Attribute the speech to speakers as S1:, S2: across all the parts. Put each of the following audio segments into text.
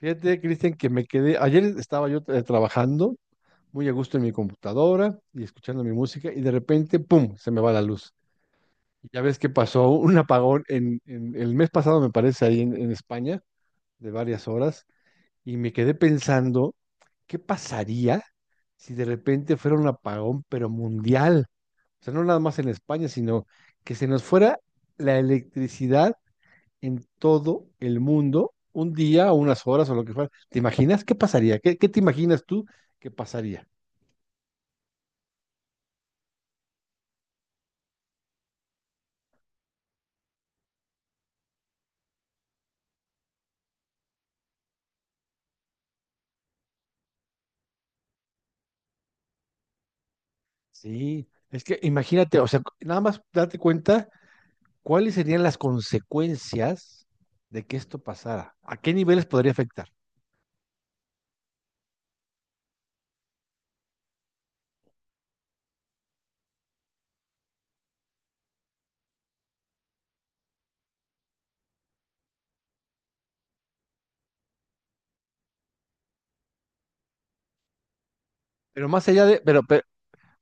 S1: Fíjate, Cristian, que me quedé, ayer estaba yo trabajando muy a gusto en mi computadora y escuchando mi música y de repente, ¡pum!, se me va la luz. Y ya ves que pasó un apagón el mes pasado, me parece, ahí en España, de varias horas, y me quedé pensando, ¿qué pasaría si de repente fuera un apagón, pero mundial? O sea, no nada más en España, sino que se nos fuera la electricidad en todo el mundo, un día o unas horas o lo que fuera. ¿Te imaginas qué pasaría? ¿Qué te imaginas tú que pasaría? Sí, es que imagínate, o sea, nada más date cuenta cuáles serían las consecuencias de que esto pasara, a qué niveles podría afectar. Pero más allá de,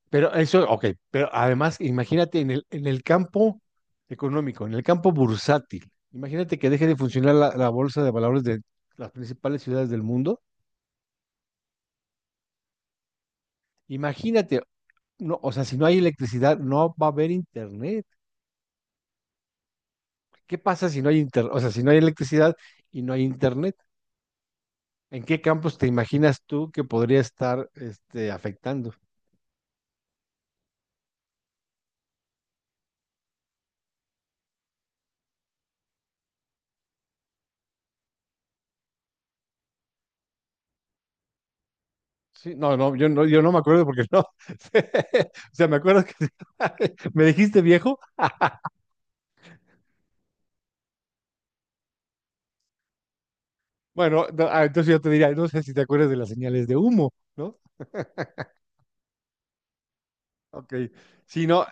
S1: pero eso, ok, pero además imagínate en el campo económico, en el campo bursátil. Imagínate que deje de funcionar la bolsa de valores de las principales ciudades del mundo. Imagínate. No, o sea, si no hay electricidad, no va a haber internet. ¿Qué pasa si no hay internet? O sea, si no hay electricidad y no hay internet, ¿en qué campos te imaginas tú que podría estar este, afectando? Sí, yo no me acuerdo porque no. O sea, me acuerdo que me dijiste viejo. Bueno, no, ah, entonces yo te diría, no sé si te acuerdas de las señales de humo, ¿no? Ok. Si no,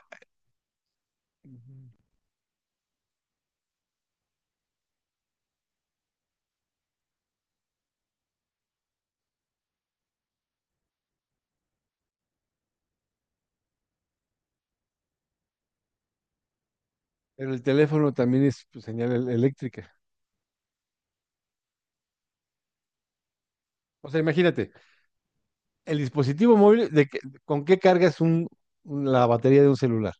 S1: pero el teléfono también es pues, señal eléctrica. O sea, imagínate, el dispositivo móvil, ¿con qué cargas la batería de un celular?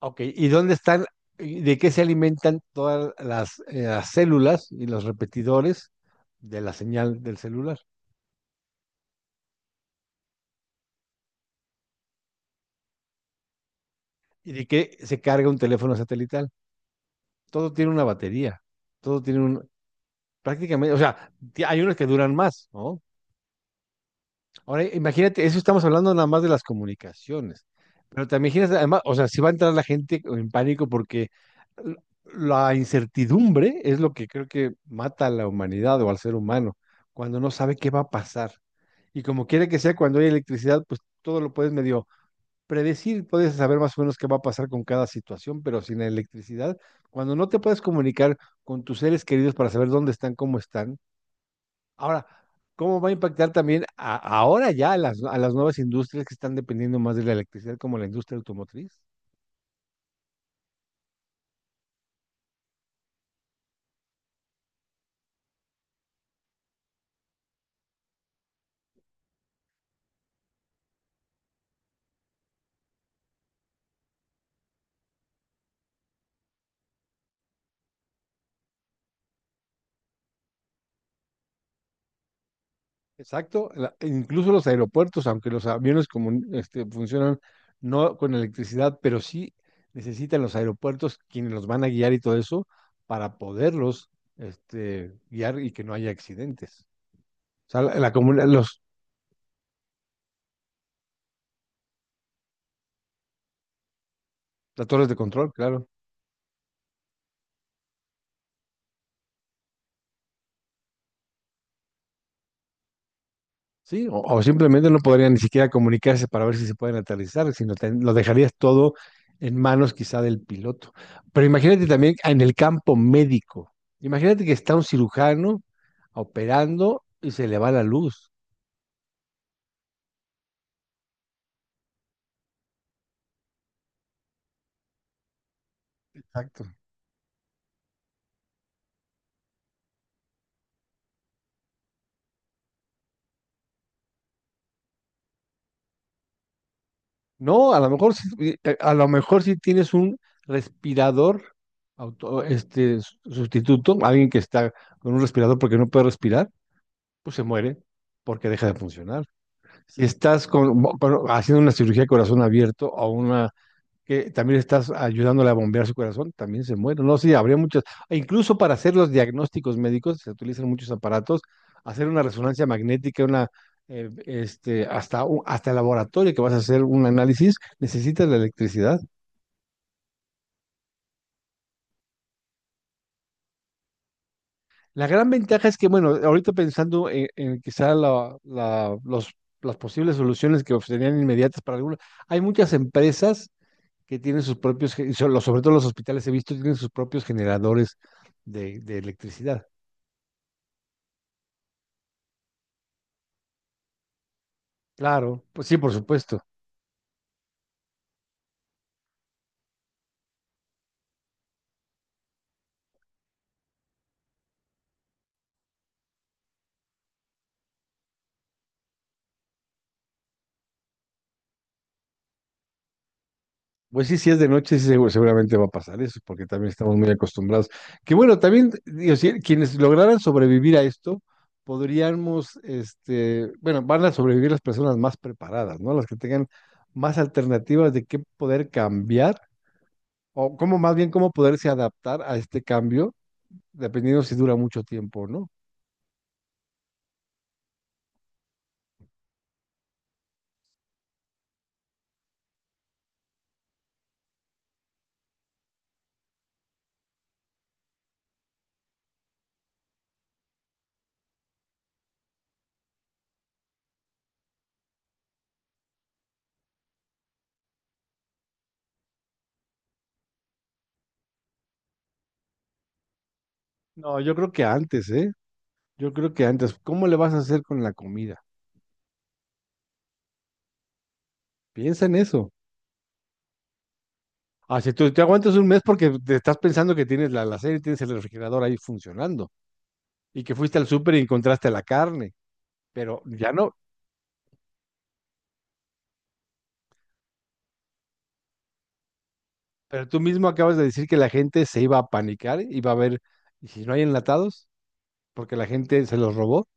S1: Ok, ¿y dónde están, y de qué se alimentan todas las células y los repetidores de la señal del celular? ¿Y de qué se carga un teléfono satelital? Todo tiene una batería, todo tiene un, prácticamente, o sea, ti- hay unos que duran más, ¿no? Ahora, imagínate, eso estamos hablando nada más de las comunicaciones, pero te imaginas, además, o sea, si va a entrar la gente en pánico porque l- la incertidumbre es lo que creo que mata a la humanidad o al ser humano, cuando no sabe qué va a pasar. Y como quiera que sea, cuando hay electricidad, pues todo lo puedes medio predecir, puedes saber más o menos qué va a pasar con cada situación, pero sin la electricidad, cuando no te puedes comunicar con tus seres queridos para saber dónde están, cómo están. Ahora, ¿cómo va a impactar también ahora ya a a las nuevas industrias que están dependiendo más de la electricidad, como la industria automotriz? Exacto, incluso los aeropuertos, aunque los aviones este, funcionan no con electricidad, pero sí necesitan los aeropuertos quienes los van a guiar y todo eso para poderlos este, guiar y que no haya accidentes. O sea, las torres de control, claro. Sí, o simplemente no podrían ni siquiera comunicarse para ver si se pueden aterrizar, sino lo dejarías todo en manos quizá del piloto. Pero imagínate también en el campo médico. Imagínate que está un cirujano operando y se le va la luz. Exacto. No, a lo mejor sí, a lo mejor sí tienes un respirador este sustituto, alguien que está con un respirador porque no puede respirar, pues se muere porque deja de funcionar. Si estás haciendo una cirugía de corazón abierto o una que también estás ayudándole a bombear su corazón, también se muere. No, sí, habría muchas. E incluso para hacer los diagnósticos médicos se utilizan muchos aparatos, hacer una resonancia magnética, una este, hasta, hasta el laboratorio que vas a hacer un análisis, necesitas la electricidad. La gran ventaja es que, bueno, ahorita pensando en quizá los, las posibles soluciones que serían inmediatas para algunos, hay muchas empresas que tienen sus propios, sobre todo los hospitales he visto, tienen sus propios generadores de electricidad. Claro, pues sí, por supuesto. Pues sí, si es de noche, sí, seguramente va a pasar eso, porque también estamos muy acostumbrados. Que bueno, también, digo, si- quienes lograran sobrevivir a esto, podríamos, este, bueno, van a sobrevivir las personas más preparadas, ¿no? Las que tengan más alternativas de qué poder cambiar, o cómo más bien cómo poderse adaptar a este cambio, dependiendo si dura mucho tiempo o no. No, yo creo que antes, ¿eh? Yo creo que antes, ¿cómo le vas a hacer con la comida? Piensa en eso. Ah, si tú te aguantas un mes porque te estás pensando que tienes la y tienes el refrigerador ahí funcionando y que fuiste al súper y encontraste la carne, pero ya no. Pero tú mismo acabas de decir que la gente se iba a panicar, iba a ver, ¿y si no hay enlatados? Porque la gente se los robó.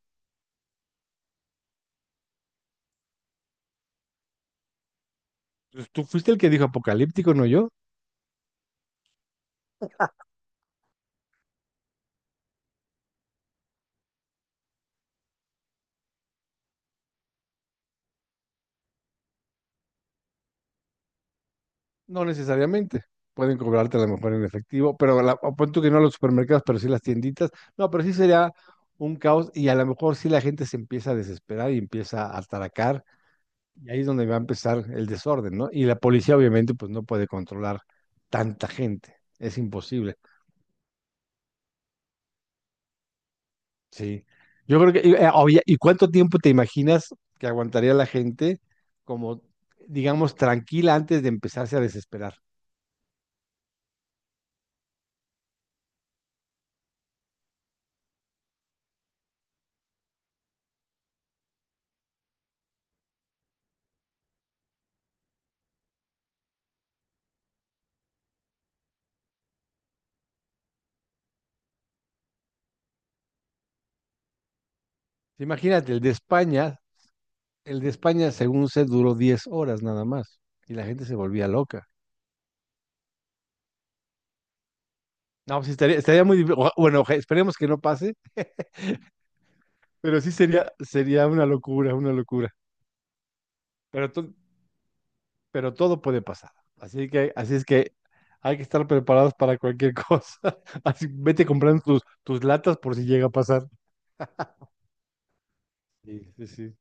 S1: Pues tú fuiste el que dijo apocalíptico, no yo. No necesariamente. Pueden cobrarte a lo mejor en efectivo, pero la, o pon tú que no los supermercados, pero sí las tienditas. No, pero sí sería un caos y a lo mejor sí la gente se empieza a desesperar y empieza a ataracar y ahí es donde va a empezar el desorden, ¿no? Y la policía obviamente pues no puede controlar tanta gente. Es imposible. Sí. Yo creo que, oye, ¿y cuánto tiempo te imaginas que aguantaría la gente como, digamos, tranquila antes de empezarse a desesperar? Imagínate, el de España El de España, según sé, duró 10 horas nada más y la gente se volvía loca. No, pues sí, estaría, estaría muy... difí- oja- Bueno, oja- esperemos que no pase, pero sí sería, sería una locura, una locura. Pero, to- pero todo puede pasar. Así que, así es que hay que estar preparados para cualquier cosa. Así, vete comprando tus latas por si llega a pasar. Sí, sí, sí.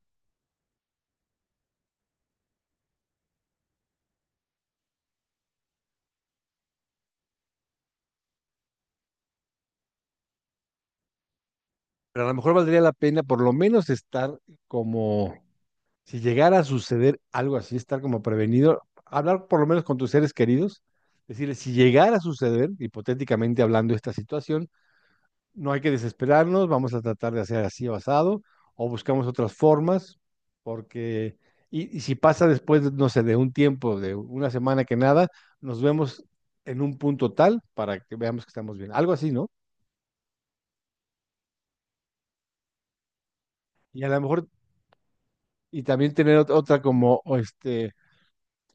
S1: Pero a lo mejor valdría la pena por lo menos estar como si llegara a suceder algo así, estar como prevenido, hablar por lo menos con tus seres queridos, decirles, si llegara a suceder, hipotéticamente hablando esta situación, no hay que desesperarnos, vamos a tratar de hacer así o asado, o buscamos otras formas, porque, y si pasa después, no sé, de un tiempo, de una semana que nada, nos vemos en un punto tal para que veamos que estamos bien, algo así, ¿no? Y a lo mejor, y también tener otra como, o este,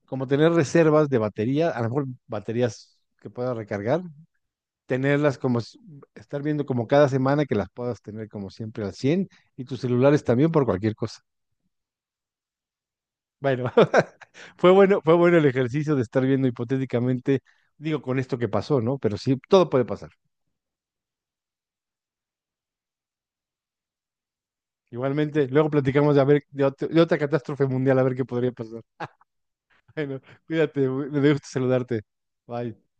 S1: como tener reservas de batería, a lo mejor baterías que puedas recargar, tenerlas como, s- estar viendo como cada semana que las puedas tener como siempre al 100% y tus celulares también por cualquier cosa. Bueno, fue bueno el ejercicio de estar viendo hipotéticamente, digo, con esto que pasó, ¿no? Pero sí, todo puede pasar. Igualmente, luego platicamos de, a ver, de, de otra catástrofe mundial, a ver qué podría pasar. Bueno, cuídate, me gusta saludarte. Bye.